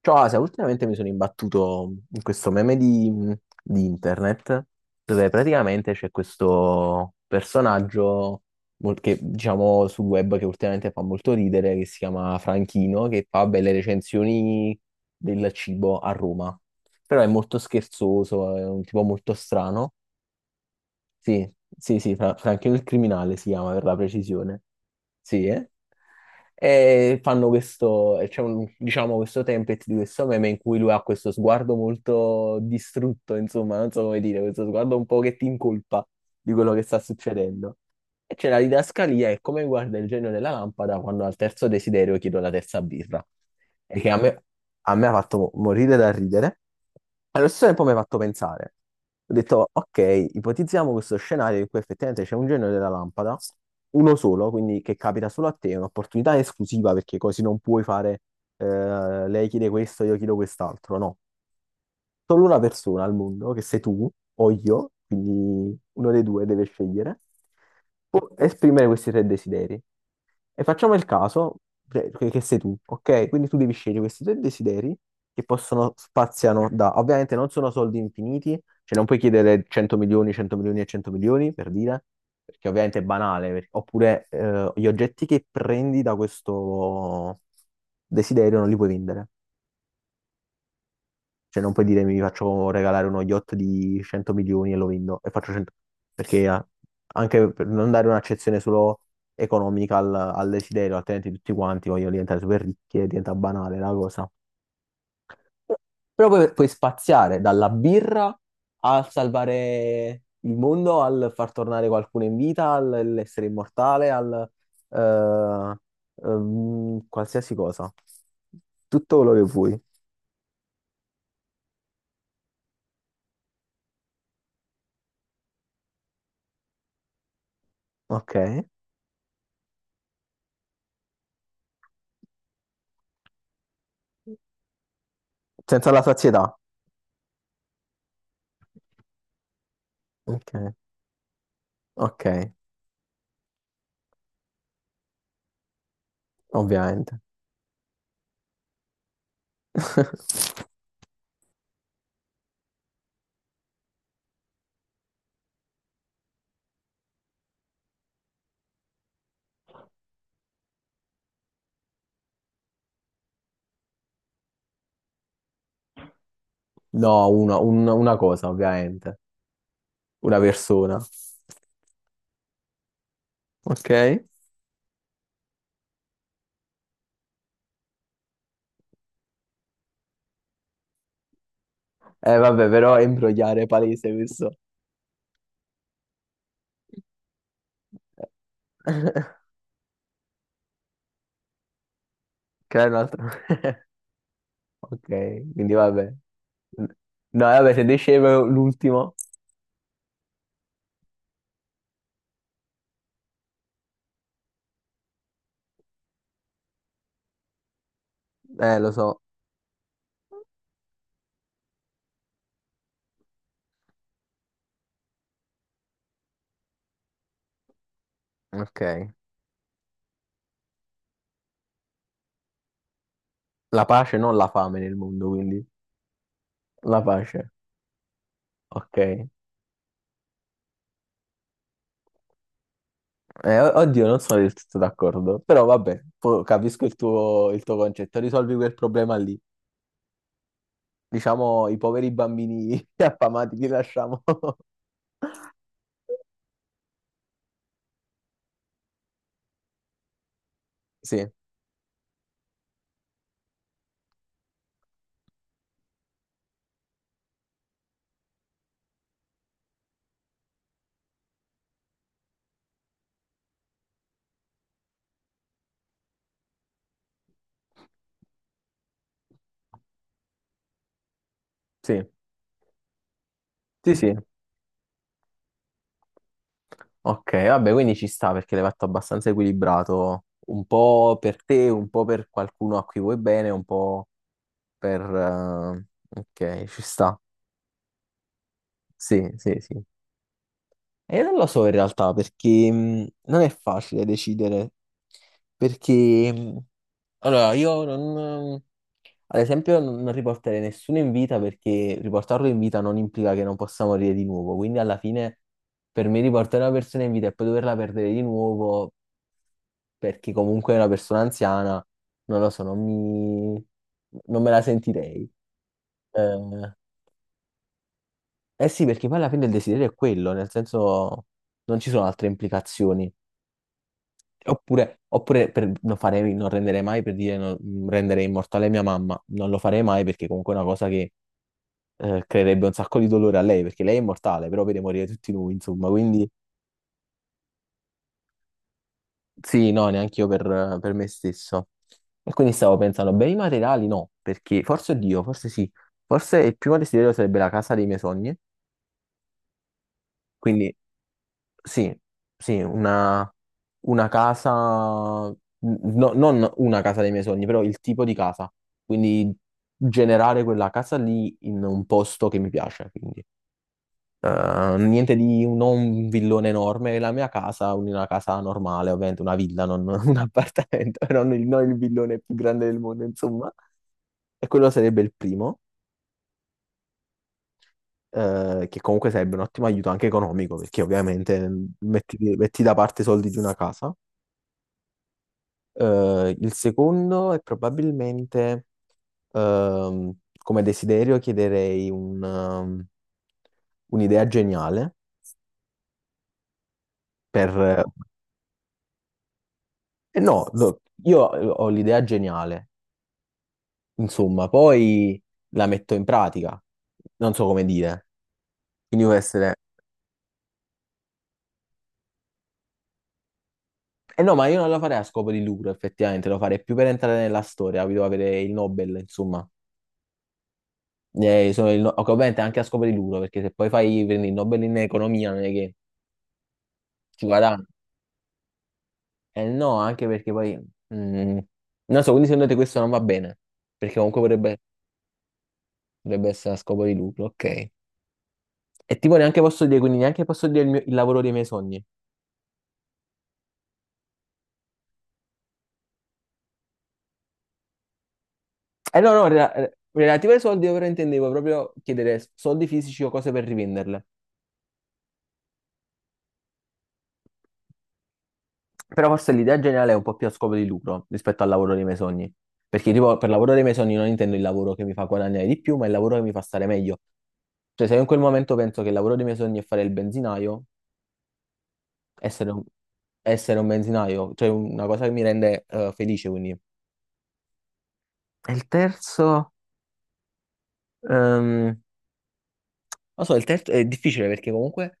Ciao Asia, ultimamente mi sono imbattuto in questo meme di internet dove praticamente c'è questo personaggio che diciamo sul web che ultimamente fa molto ridere, che si chiama Franchino, che fa belle recensioni del cibo a Roma. Però è molto scherzoso, è un tipo molto strano. Sì, sì, sì, Franchino il criminale si chiama per la precisione. Sì, eh? E fanno questo, e c'è diciamo, questo template di questo meme in cui lui ha questo sguardo molto distrutto, insomma, non so come dire, questo sguardo un po' che ti incolpa di quello che sta succedendo. E c'è la didascalia, è come guarda il genio della lampada quando al terzo desiderio chiedo la terza birra e a me ha fatto morire da ridere. Allo stesso tempo mi ha fatto pensare. Ho detto, ok, ipotizziamo questo scenario in cui effettivamente c'è un genio della lampada, uno solo, quindi che capita solo a te, è un'opportunità esclusiva perché così non puoi fare lei chiede questo, io chiedo quest'altro, no, solo una persona al mondo, che sei tu o io, quindi uno dei due deve scegliere, può esprimere questi tre desideri. E facciamo il caso, cioè, che sei tu, ok? Quindi tu devi scegliere questi tre desideri che possono spaziano da, ovviamente non sono soldi infiniti, cioè non puoi chiedere 100 milioni, 100 milioni e 100 milioni, per dire, perché ovviamente è banale, oppure gli oggetti che prendi da questo desiderio non li puoi vendere. Cioè, non puoi dire mi faccio regalare uno yacht di 100 milioni e lo vendo e faccio 100. Perché anche per non dare un'accezione solo economica al desiderio, altrimenti tutti quanti vogliono diventare super ricchi e diventa banale la cosa. Però poi puoi spaziare dalla birra al salvare il mondo, al far tornare qualcuno in vita, all'essere immortale, al eh, qualsiasi cosa. Tutto quello che vuoi, ok? Senza la sazietà. Ok, ok, ovviamente. No, una cosa, ovviamente. Una persona. Ok? Vabbè, però è imbrogliare palese questo. Creare un altro. Ok, quindi vabbè. No, vabbè, se dicevo l'ultimo, lo so. Ok. La pace, non la fame nel mondo, quindi. La pace. Ok. Oddio, non sono del tutto d'accordo, però vabbè, capisco il tuo concetto, risolvi quel problema lì. Diciamo, i poveri bambini affamati li lasciamo. Sì, sì, sì, sì. Ok, vabbè, quindi ci sta perché l'hai fatto abbastanza equilibrato, un po' per te, un po' per qualcuno a cui vuoi bene, un po' per... ok, ci sta. Sì, sì, sì. E non lo so in realtà perché non è facile decidere perché allora, io non... ad esempio non riporterei nessuno in vita perché riportarlo in vita non implica che non possa morire di nuovo, quindi alla fine per me riportare una persona in vita e poi doverla perdere di nuovo perché comunque è una persona anziana, non lo so, non me la sentirei. Eh, eh sì, perché poi alla fine il desiderio è quello, nel senso non ci sono altre implicazioni. Oppure non farei, non renderei mai per dire non, rendere immortale mia mamma, non lo farei mai perché comunque è una cosa che creerebbe un sacco di dolore a lei, perché lei è immortale, però vede morire tutti noi, insomma, quindi sì, no, neanche io per me stesso. E quindi stavo pensando, beni materiali no, perché forse Dio, forse sì, forse il primo desiderio sarebbe la casa dei miei sogni, quindi sì, sì, una casa, non una casa dei miei sogni, però il tipo di casa, quindi generare quella casa lì in un posto che mi piace, quindi. Niente di non un villone enorme, la mia casa, una casa normale, ovviamente una villa, non un appartamento, non il villone più grande del mondo, insomma. E quello sarebbe il primo, che comunque sarebbe un ottimo aiuto anche economico, perché ovviamente mm, metti da parte i soldi di una casa. Il secondo è probabilmente, ehm, come desiderio, chiederei un'idea geniale per, eh no, no, io ho l'idea geniale, insomma, poi la metto in pratica, non so come dire, quindi può essere... Eh no, ma io non la farei a scopo di lucro, effettivamente, lo farei più per entrare nella storia, capito? Avere il Nobel, insomma. Sono il no- ok, ovviamente anche a scopo di lucro, perché se poi fai prendi il Nobel in economia non è che ci guadagni. Eh no, anche perché poi... mm, non so, quindi secondo te questo non va bene, perché comunque potrebbe, dovrebbe essere a scopo di lucro, ok. E tipo neanche posso dire, quindi neanche posso dire il lavoro dei miei sogni. Eh no, no, relative ai soldi io però intendevo proprio chiedere soldi fisici o cose per rivenderle. Però forse l'idea generale è un po' più a scopo di lucro rispetto al lavoro dei miei sogni. Perché tipo per lavoro dei miei sogni non intendo il lavoro che mi fa guadagnare di più, ma il lavoro che mi fa stare meglio. Cioè se io in quel momento penso che il lavoro dei miei sogni è fare il benzinaio, essere un, essere un benzinaio, cioè una cosa che mi rende felice quindi. E il terzo, ehm, non so, il terzo è difficile perché comunque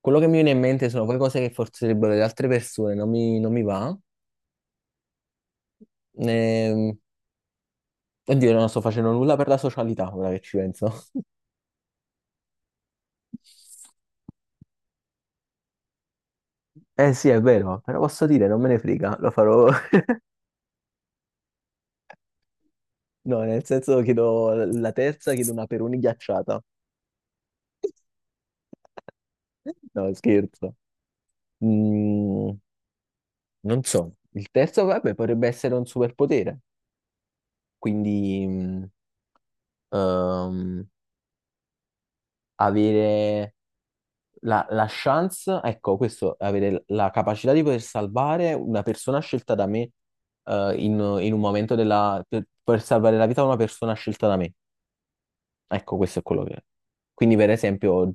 quello che mi viene in mente sono poi cose che forse direbbero le altre persone, non mi va. Ehm, oddio, non sto facendo nulla per la socialità, ora che ci penso. Eh sì, è vero, però posso dire, non me ne frega, lo farò. No, nel senso chiedo la terza, chiedo una Peroni ghiacciata. No, scherzo. Mm, non so. Il terzo, vabbè, potrebbe essere un superpotere. Quindi, mm, ehm, avere la chance, ecco, questo, avere la capacità di poter salvare una persona scelta da me, eh, in, in un momento della... per salvare la vita a una persona scelta da me. Ecco, questo è quello che... Quindi, per esempio,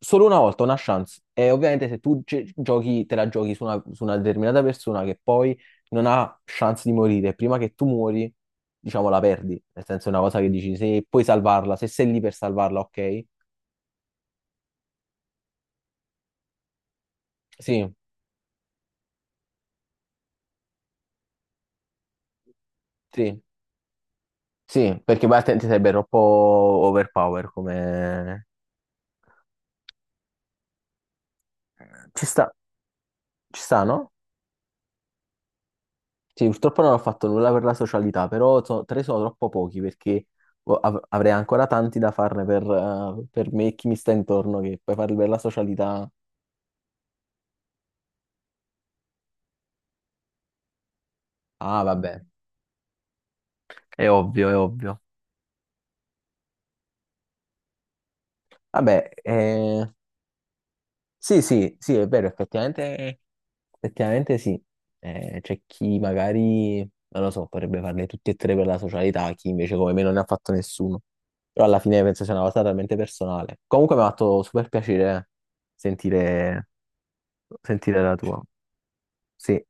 solo una volta una chance. E ovviamente se tu giochi, te la giochi su una determinata persona che poi non ha chance di morire, prima che tu muori, diciamo, la perdi. Nel senso, è una cosa che dici, se puoi salvarla, se sei lì per salvarla, ok? Sì, sì. Sì, perché Bartent sarebbe troppo overpower come... ci sta, ci sta, no? Sì, purtroppo non ho fatto nulla per la socialità, però tre sono troppo pochi perché avrei ancora tanti da farne per me e chi mi sta intorno, che poi farli per la socialità... Ah, vabbè, è ovvio, è ovvio. Vabbè, sì, sì, sì, è vero, effettivamente effettivamente sì, eh, c'è chi magari, non lo so, potrebbe farle tutti e tre per la socialità, chi invece come me non ne ha fatto nessuno. Però alla fine penso sia una cosa talmente personale. Comunque mi ha fatto super piacere sentire, sentire la tua. Sì,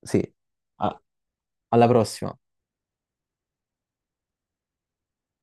sì. A- alla prossima.